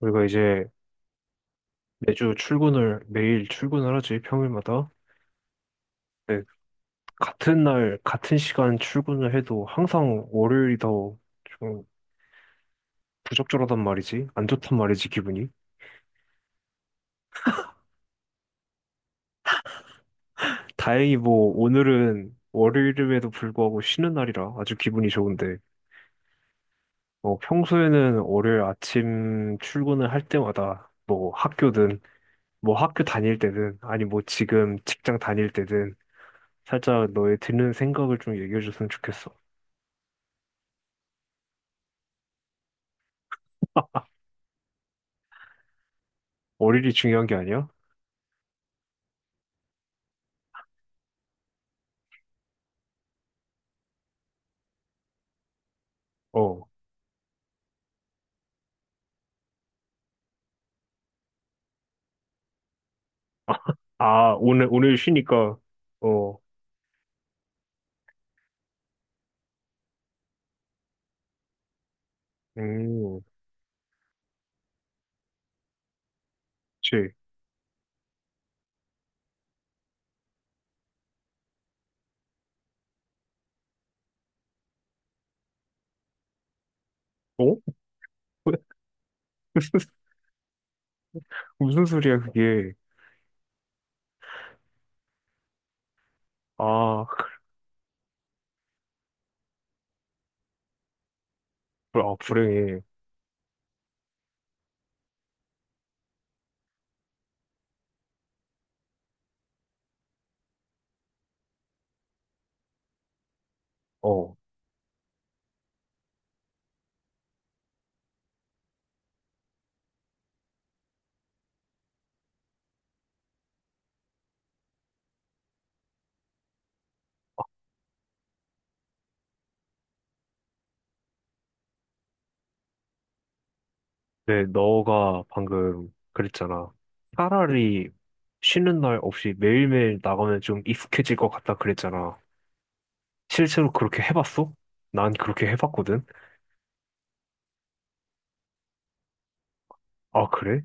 우리가 이제 매일 출근을 하지, 평일마다. 네, 같은 날, 같은 시간 출근을 해도 항상 월요일이 더 좀 부적절하단 말이지. 안 좋단 말이지, 기분이. 다행히 뭐, 오늘은 월요일임에도 불구하고 쉬는 날이라 아주 기분이 좋은데, 뭐, 평소에는 월요일 아침 출근을 할 때마다 뭐, 학교든, 뭐, 학교 다닐 때든, 아니 뭐, 지금 직장 다닐 때든, 살짝 너의 드는 생각을 좀 얘기해 줬으면 좋겠어. 월요일이 중요한 게 아니야? 어. 아, 오늘 쉬니까, 어, 음, 그치. 어? 무슨 소리야, 그게. 아, 아, 불행해. 어. 네, 너가 방금 그랬잖아. 차라리 쉬는 날 없이 매일매일 나가면 좀 익숙해질 것 같다 그랬잖아. 실제로 그렇게 해봤어? 난 그렇게 해봤거든. 아, 그래?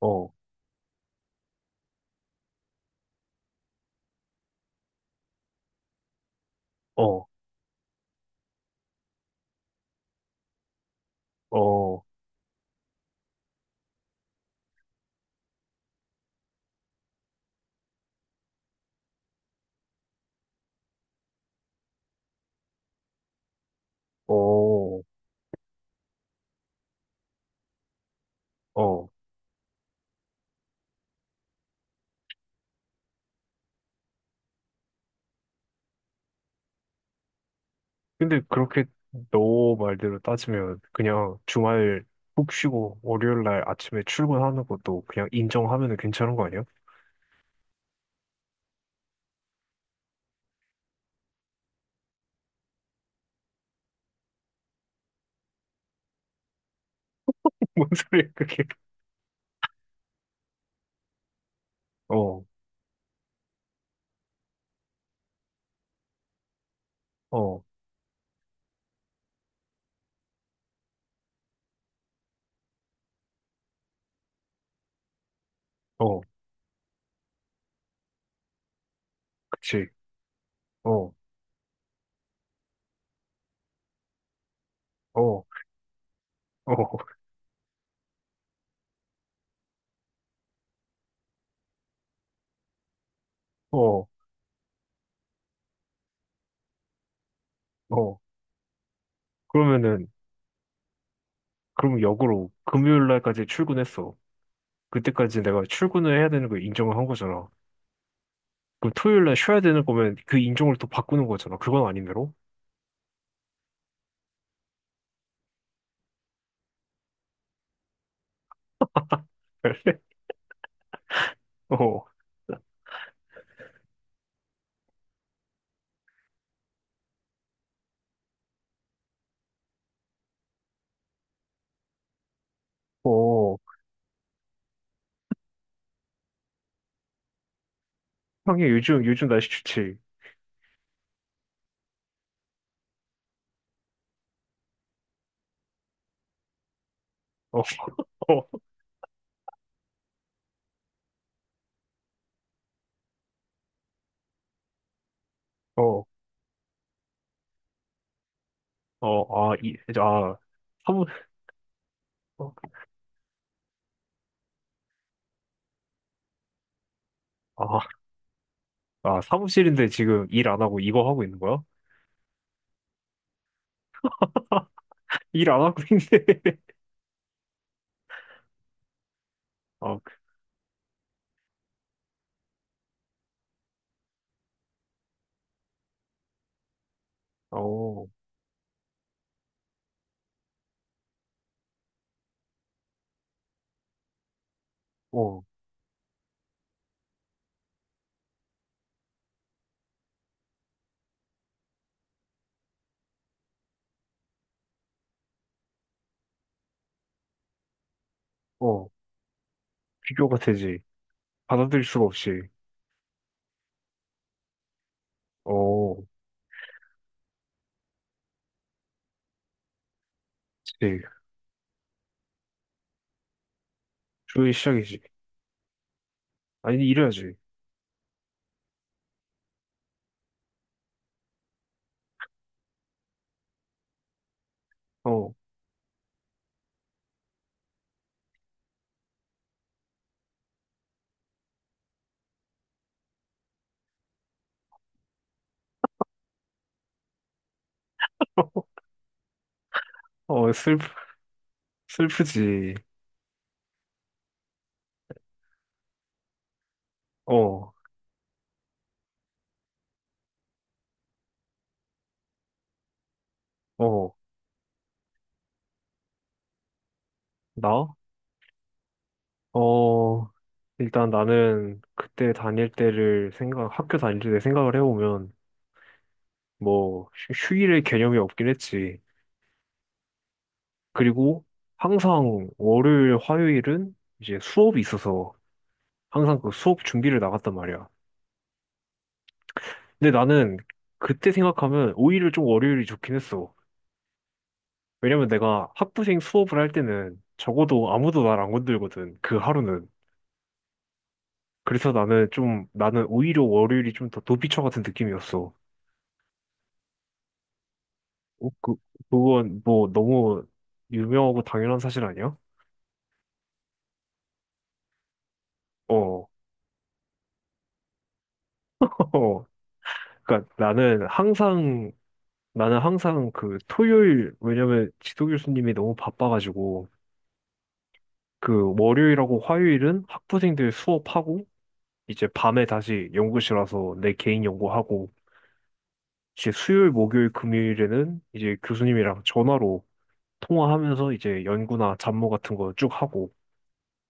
어, 어, 어, 어, 어. 근데 그렇게 너 말대로 따지면 그냥 주말 푹 쉬고 월요일 날 아침에 출근하는 것도 그냥 인정하면 괜찮은 거 아니야? 뭔 소리야 그게? 어, 어, 어, 그치. 어, 어, 어, 어, 어. 그러면은 그럼 역으로 금요일 날까지 출근했어. 그때까지 내가 출근을 해야 되는 걸 인정을 한 거잖아. 그럼 토요일 날 쉬어야 되는 거면 그 인정을 또 바꾸는 거잖아. 그건 아닌데로? 어, 어. 형이 요즘 날씨 좋지. 어. 어, 어, 아, 이, 아, 사무, 어, 아, 사무실인데 지금 일 안 하고 이거 하고 있는 거야? 일 안 하고 있는데. 아, 어, 어, 어, 비교가 되지. 받아들일 수가 없이. 어, 그치. 주의 시작이지. 아니, 이래야지. 어, 어, 슬프지. 어, 어, 나? 어, 일단 나는 그때 다닐 때를 생각, 학교 다닐 때 생각을 해보면, 뭐, 휴일의 개념이 없긴 했지. 그리고 항상 월요일, 화요일은 이제 수업이 있어서 항상 그 수업 준비를 나갔단 말이야. 근데 나는 그때 생각하면 오히려 좀 월요일이 좋긴 했어. 왜냐면 내가 학부생 수업을 할 때는 적어도 아무도 날 안 건들거든. 그 하루는. 그래서 나는 오히려 월요일이 좀 더 도피처 같은 느낌이었어. 어, 그건 뭐 너무 유명하고 당연한 사실 아니야? 어, 그러니까 나는 항상 그 토요일, 왜냐면 지도 교수님이 너무 바빠가지고 그 월요일하고 화요일은 학부생들 수업하고 이제 밤에 다시 연구실 와서 내 개인 연구하고 이제 수요일, 목요일, 금요일에는 이제 교수님이랑 전화로 통화하면서 이제 연구나 잡무 같은 거 쭉 하고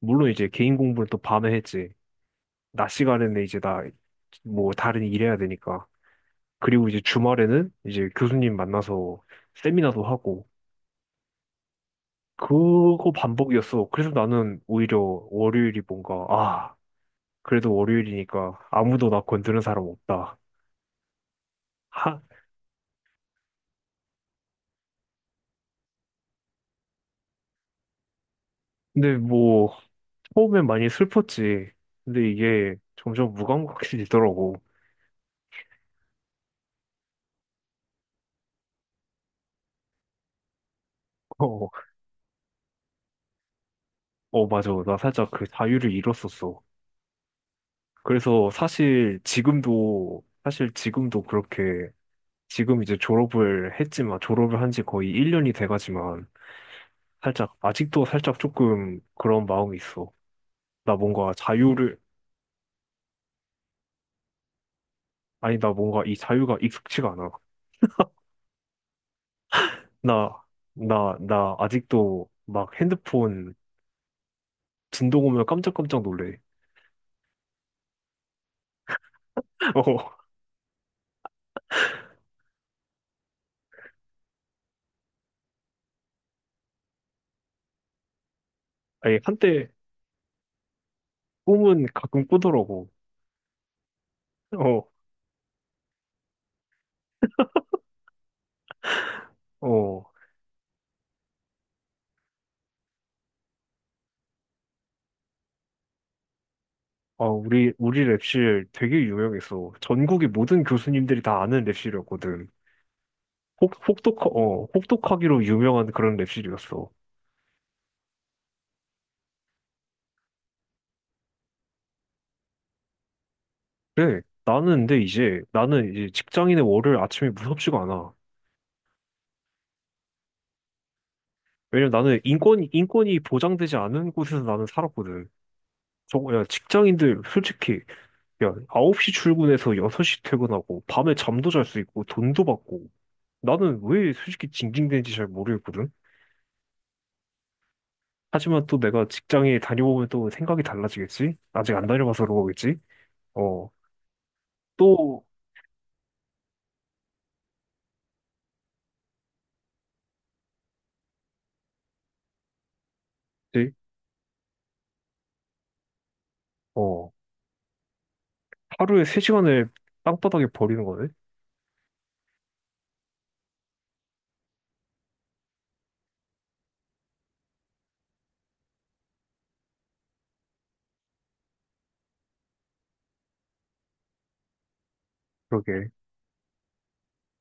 물론 이제 개인 공부는 또 밤에 했지. 낮 시간에는 이제 나 뭐 다른 일 해야 되니까. 그리고 이제 주말에는 이제 교수님 만나서 세미나도 하고 그거 반복이었어. 그래서 나는 오히려 월요일이 뭔가, 아, 그래도 월요일이니까 아무도 나 건드는 사람 없다. 하, 근데 뭐, 처음엔 많이 슬펐지. 근데 이게 점점 무감각해지더라고. 어, 어, 맞아. 나 살짝 그 자유를 잃었었어. 그래서 사실 지금도 그렇게, 지금 이제 졸업을 했지만, 졸업을 한지 거의 1년이 돼가지만, 아직도 살짝 조금 그런 마음이 있어. 나 뭔가 자유를, 아니, 나 뭔가 이 자유가 익숙치가 않아. 나, 나 아직도 막 핸드폰 진동 오면 깜짝깜짝 놀래. 어, 아니, 한때 꿈은 가끔 꾸더라고. 어, 어. 아, 우리 랩실 되게 유명했어. 전국의 모든 교수님들이 다 아는 랩실이었거든. 혹독하기로 유명한 그런 랩실이었어. 그래, 나는 이제 직장인의 월요일 아침이 무섭지가 않아. 왜냐면 나는 인권이 보장되지 않은 곳에서 나는 살았거든. 야, 직장인들 솔직히 야, 9시 출근해서 6시 퇴근하고 밤에 잠도 잘 수 있고 돈도 받고 나는 왜 솔직히 징징대는지 잘 모르겠거든. 하지만 또 내가 직장에 다녀보면 또 생각이 달라지겠지? 아직 안 다녀봐서 그런 거겠지? 어, 또, 이제, 어, 하루에 3시간을 땅바닥에 버리는 거네? 그러게.